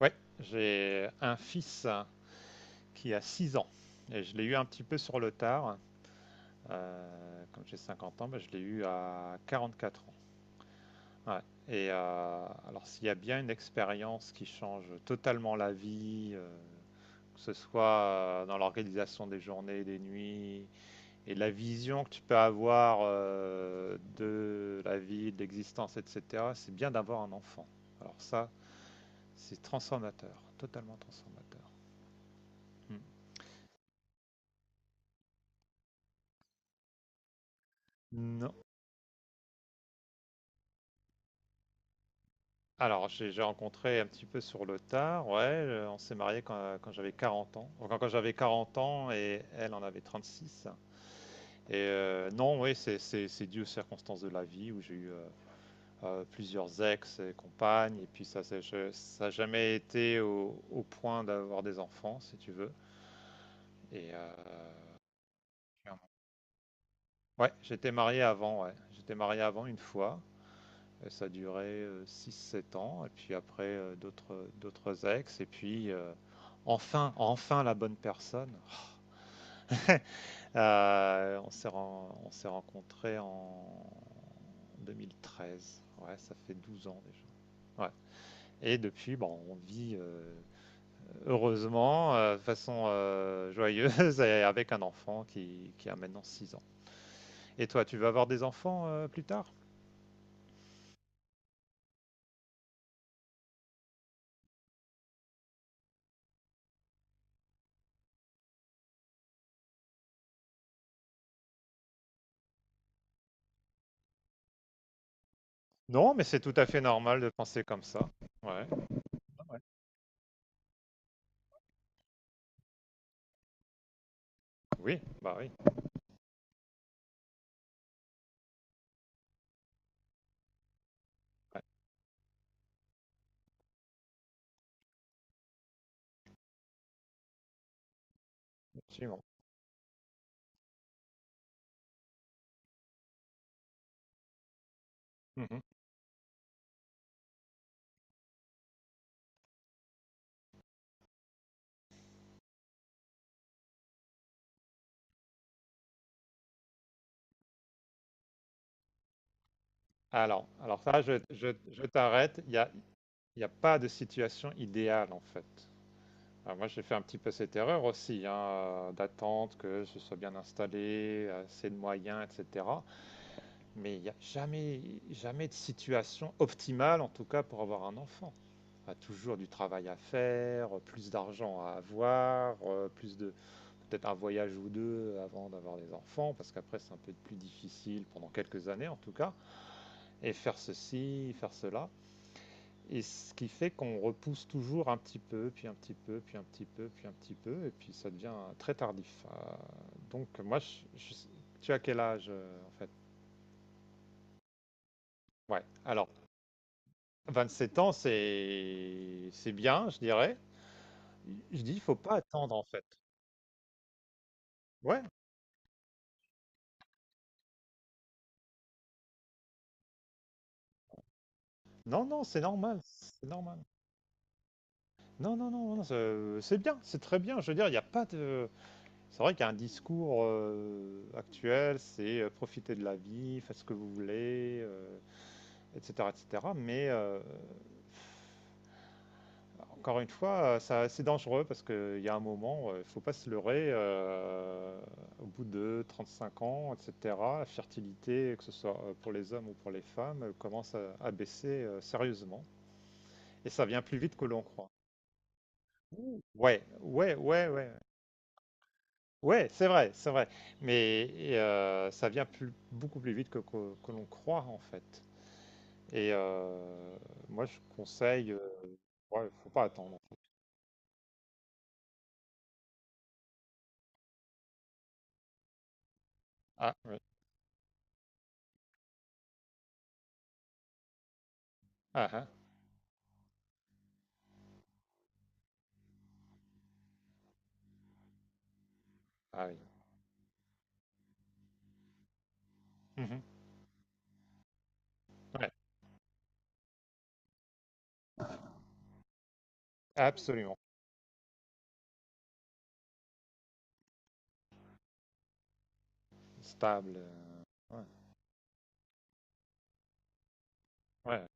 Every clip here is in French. Ouais, j'ai un fils qui a 6 ans, et je l'ai eu un petit peu sur le tard. Comme j'ai 50 ans, je l'ai eu à 44 ans. Ouais. Alors, s'il y a bien une expérience qui change totalement la vie, que ce soit dans l'organisation des journées, des nuits, et la vision que tu peux avoir de la vie, de l'existence, etc., c'est bien d'avoir un enfant. Alors ça, c'est transformateur, totalement transformateur. Hmm. Non. Alors, j'ai rencontré un petit peu sur le tard, ouais, on s'est marié quand j'avais 40 ans. Enfin, quand j'avais 40 ans et elle en avait 36. Non, oui, c'est dû aux circonstances de la vie où j'ai eu, plusieurs ex et compagnes, et puis ça s'est je ça n'a jamais été au point d'avoir des enfants, si tu veux. et heu, ouais, j'étais marié avant, ouais, j'étais marié avant une fois. Et ça a duré 6-7 ans, et puis après d'autres, d'autres ex, et puis enfin la bonne personne. On s'est, on s'est rencontrés en 2013, ouais, ça fait 12 ans déjà. Ouais. Et depuis, bon, on vit heureusement, de façon joyeuse, et avec un enfant qui a maintenant 6 ans. Et toi, tu veux avoir des enfants plus tard? Non, mais c'est tout à fait normal de penser comme ça. Ouais, oui, bah oui, ouais, absolument. Mmh. Alors, ça, je t'arrête, il y a pas de situation idéale, en fait. Alors moi, j'ai fait un petit peu cette erreur aussi, hein, d'attendre que je sois bien installé, assez de moyens et cetera. Mais il y a jamais de situation optimale, en tout cas pour avoir un enfant. Il y a toujours du travail à faire, plus d'argent à avoir, plus de peut-être un voyage ou 2 avant d'avoir des enfants, parce qu'après c'est un peu plus difficile pendant quelques années en tout cas, et faire ceci, faire cela. Et ce qui fait qu'on repousse toujours un petit peu, puis un petit peu, puis un petit peu, puis un petit peu, et puis ça devient très tardif. Donc, tu as quel âge en fait? Ouais. Alors, 27 ans, c'est bien, je dirais. Je dis, il faut pas attendre en fait. Ouais. Non, non, c'est normal, c'est normal. Non, non, non, non, c'est bien, c'est très bien. Je veux dire, il n'y a pas de. C'est vrai qu'il y a un discours actuel, c'est profiter de la vie, faites ce que vous voulez, etc., etc. Mais encore une fois, ça, c'est dangereux parce qu'il y a un moment, il ne faut pas se leurrer. Au bout de 35 ans, etc., la fertilité, que ce soit pour les hommes ou pour les femmes, commence à baisser sérieusement. Et ça vient plus vite que l'on croit. Ouais, ouais, ouais, ouais. Ouais, c'est vrai, c'est vrai. Mais ça vient plus, beaucoup plus vite que l'on croit, en fait. Et euh, moi, je conseille, ouais, faut pas attendre. Ah, ouais. Ah, ah. Ah oui. Mhm. Ouais, absolument. Stable. Ouais. Ouais.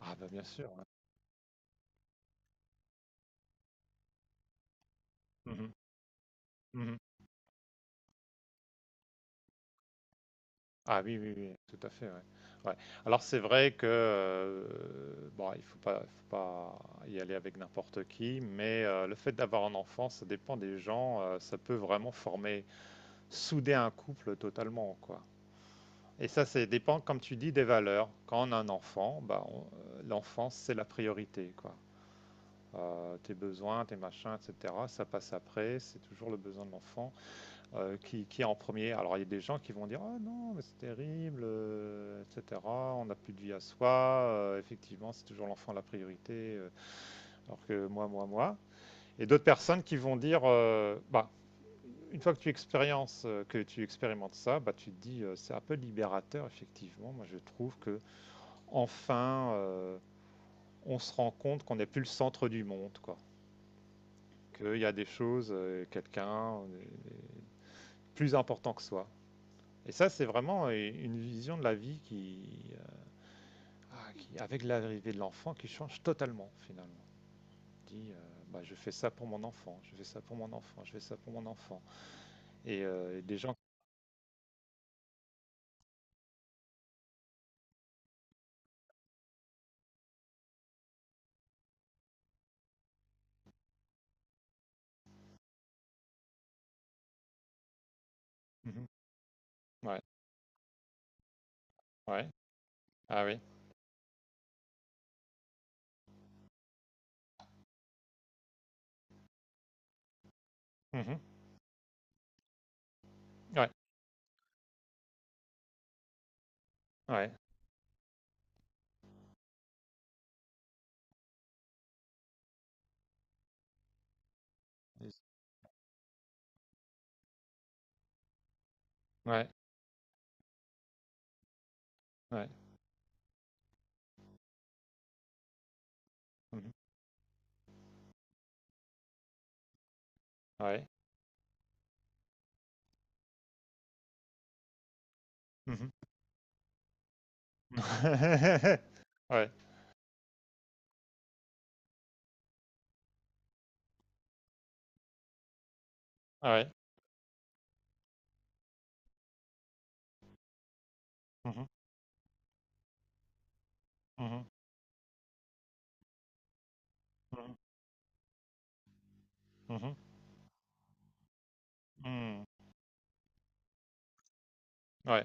Ah bah bien sûr. Ouais. Mhm. Mhm. Ah oui, oui, oui, tout à fait. Ouais. Ouais. Alors c'est vrai que bon, il faut pas y aller avec n'importe qui, mais le fait d'avoir un enfant, ça dépend des gens. Ça peut vraiment former, souder un couple totalement, quoi. Et ça dépend, comme tu dis, des valeurs. Quand on a un enfant, bah, l'enfant, c'est la priorité, quoi. Tes besoins, tes machins, etc. Ça passe après, c'est toujours le besoin de l'enfant qui est en premier. Alors il y a des gens qui vont dire: «Ah non, mais c'est terrible, etc. On n'a plus de vie à soi, effectivement, c'est toujours l'enfant la priorité, alors que moi, moi, moi.» Et d'autres personnes qui vont dire: «Bah, une fois que tu expérimentes ça, bah, tu te dis c'est un peu libérateur, effectivement.» Moi, je trouve que enfin, euh, on se rend compte qu'on n'est plus le centre du monde, quoi. Qu'il y a des choses, quelqu'un plus important que soi. Et ça, c'est vraiment une vision de la vie qui, qui, avec l'arrivée de l'enfant, qui change totalement finalement. Dit, bah, je fais ça pour mon enfant, je fais ça pour mon enfant, je fais ça pour mon enfant. Et, des gens. Mhm. Ouais, ouais, ah oui. Mhm. Ouais, ouais, ouais, ouais. Mhm. Ouais. Mhm. Ouais, ouais. Mhm. Mhm. Mhm. Mhm. Mhm. Ouais.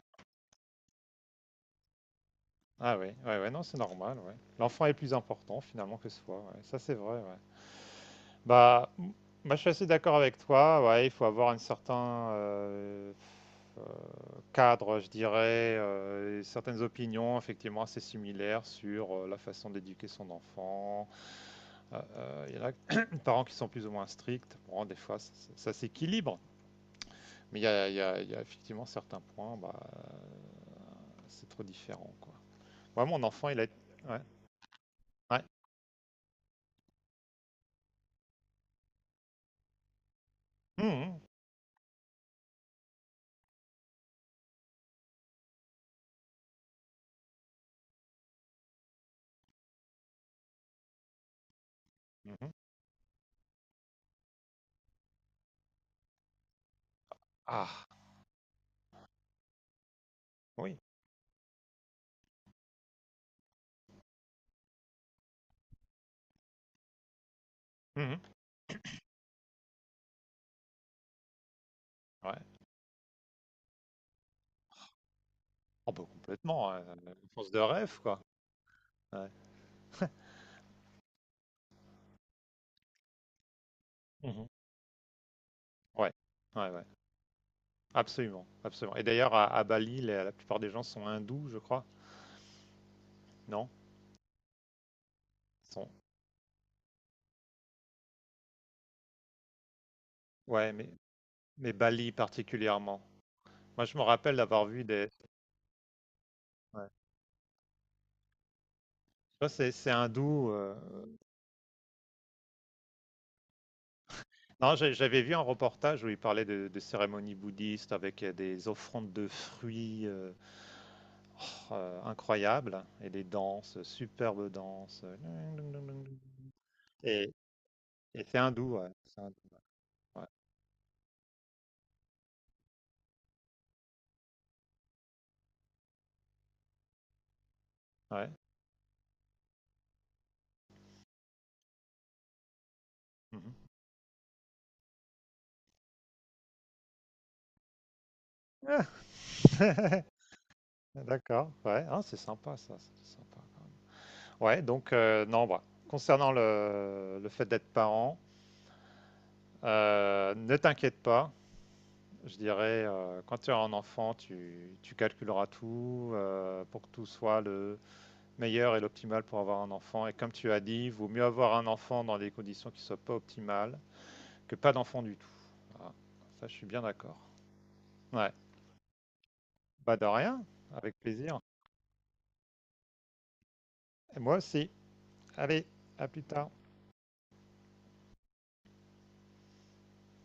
Ah oui, ouais, ouais, non, c'est normal, ouais. L'enfant est plus important finalement que soi, ouais. Ça c'est vrai, ouais. Bah, m- Moi, je suis assez d'accord avec toi, ouais, il faut avoir un certain cadre, je dirais, et certaines opinions effectivement assez similaires sur la façon d'éduquer son enfant. Il y en a des parents qui sont plus ou moins stricts, bon, des fois ça s'équilibre, mais il y a effectivement certains points, bah, c'est trop différent, quoi. Moi, mon enfant, il a... Ouais. Ouais. Mhm. Mmh. Ah! Oui. Mmh. Ouais. Oh bah, complètement, enfance de rêve, quoi. Ouais. Mmh. Ouais. Ouais, ouais. Absolument, absolument, et d'ailleurs à Bali, la plupart des gens sont hindous, je crois, non? Ils sont ouais, mais Bali particulièrement. Moi, je me rappelle d'avoir vu des ouais. Tu vois, c'est hindou, non, j'avais vu un reportage où il parlait de cérémonies bouddhistes avec, des offrandes de fruits, incroyables, et des danses, superbes danses. Et, et c'est hindou, ouais. C'est hindou, ouais. Ouais. Mhm. Ah, d'accord, ouais. Ah, c'est sympa ça, c'est sympa quand même. Ouais, donc non, bah, concernant le fait d'être parent, ne t'inquiète pas, je dirais, quand tu as un enfant, tu calculeras tout pour que tout soit le meilleur et l'optimal pour avoir un enfant. Et comme tu as dit, vaut mieux avoir un enfant dans des conditions qui ne soient pas optimales que pas d'enfant du tout. Voilà. Ça, je suis bien d'accord. Ouais, pas de rien, avec plaisir. Et moi aussi. Allez, à plus tard.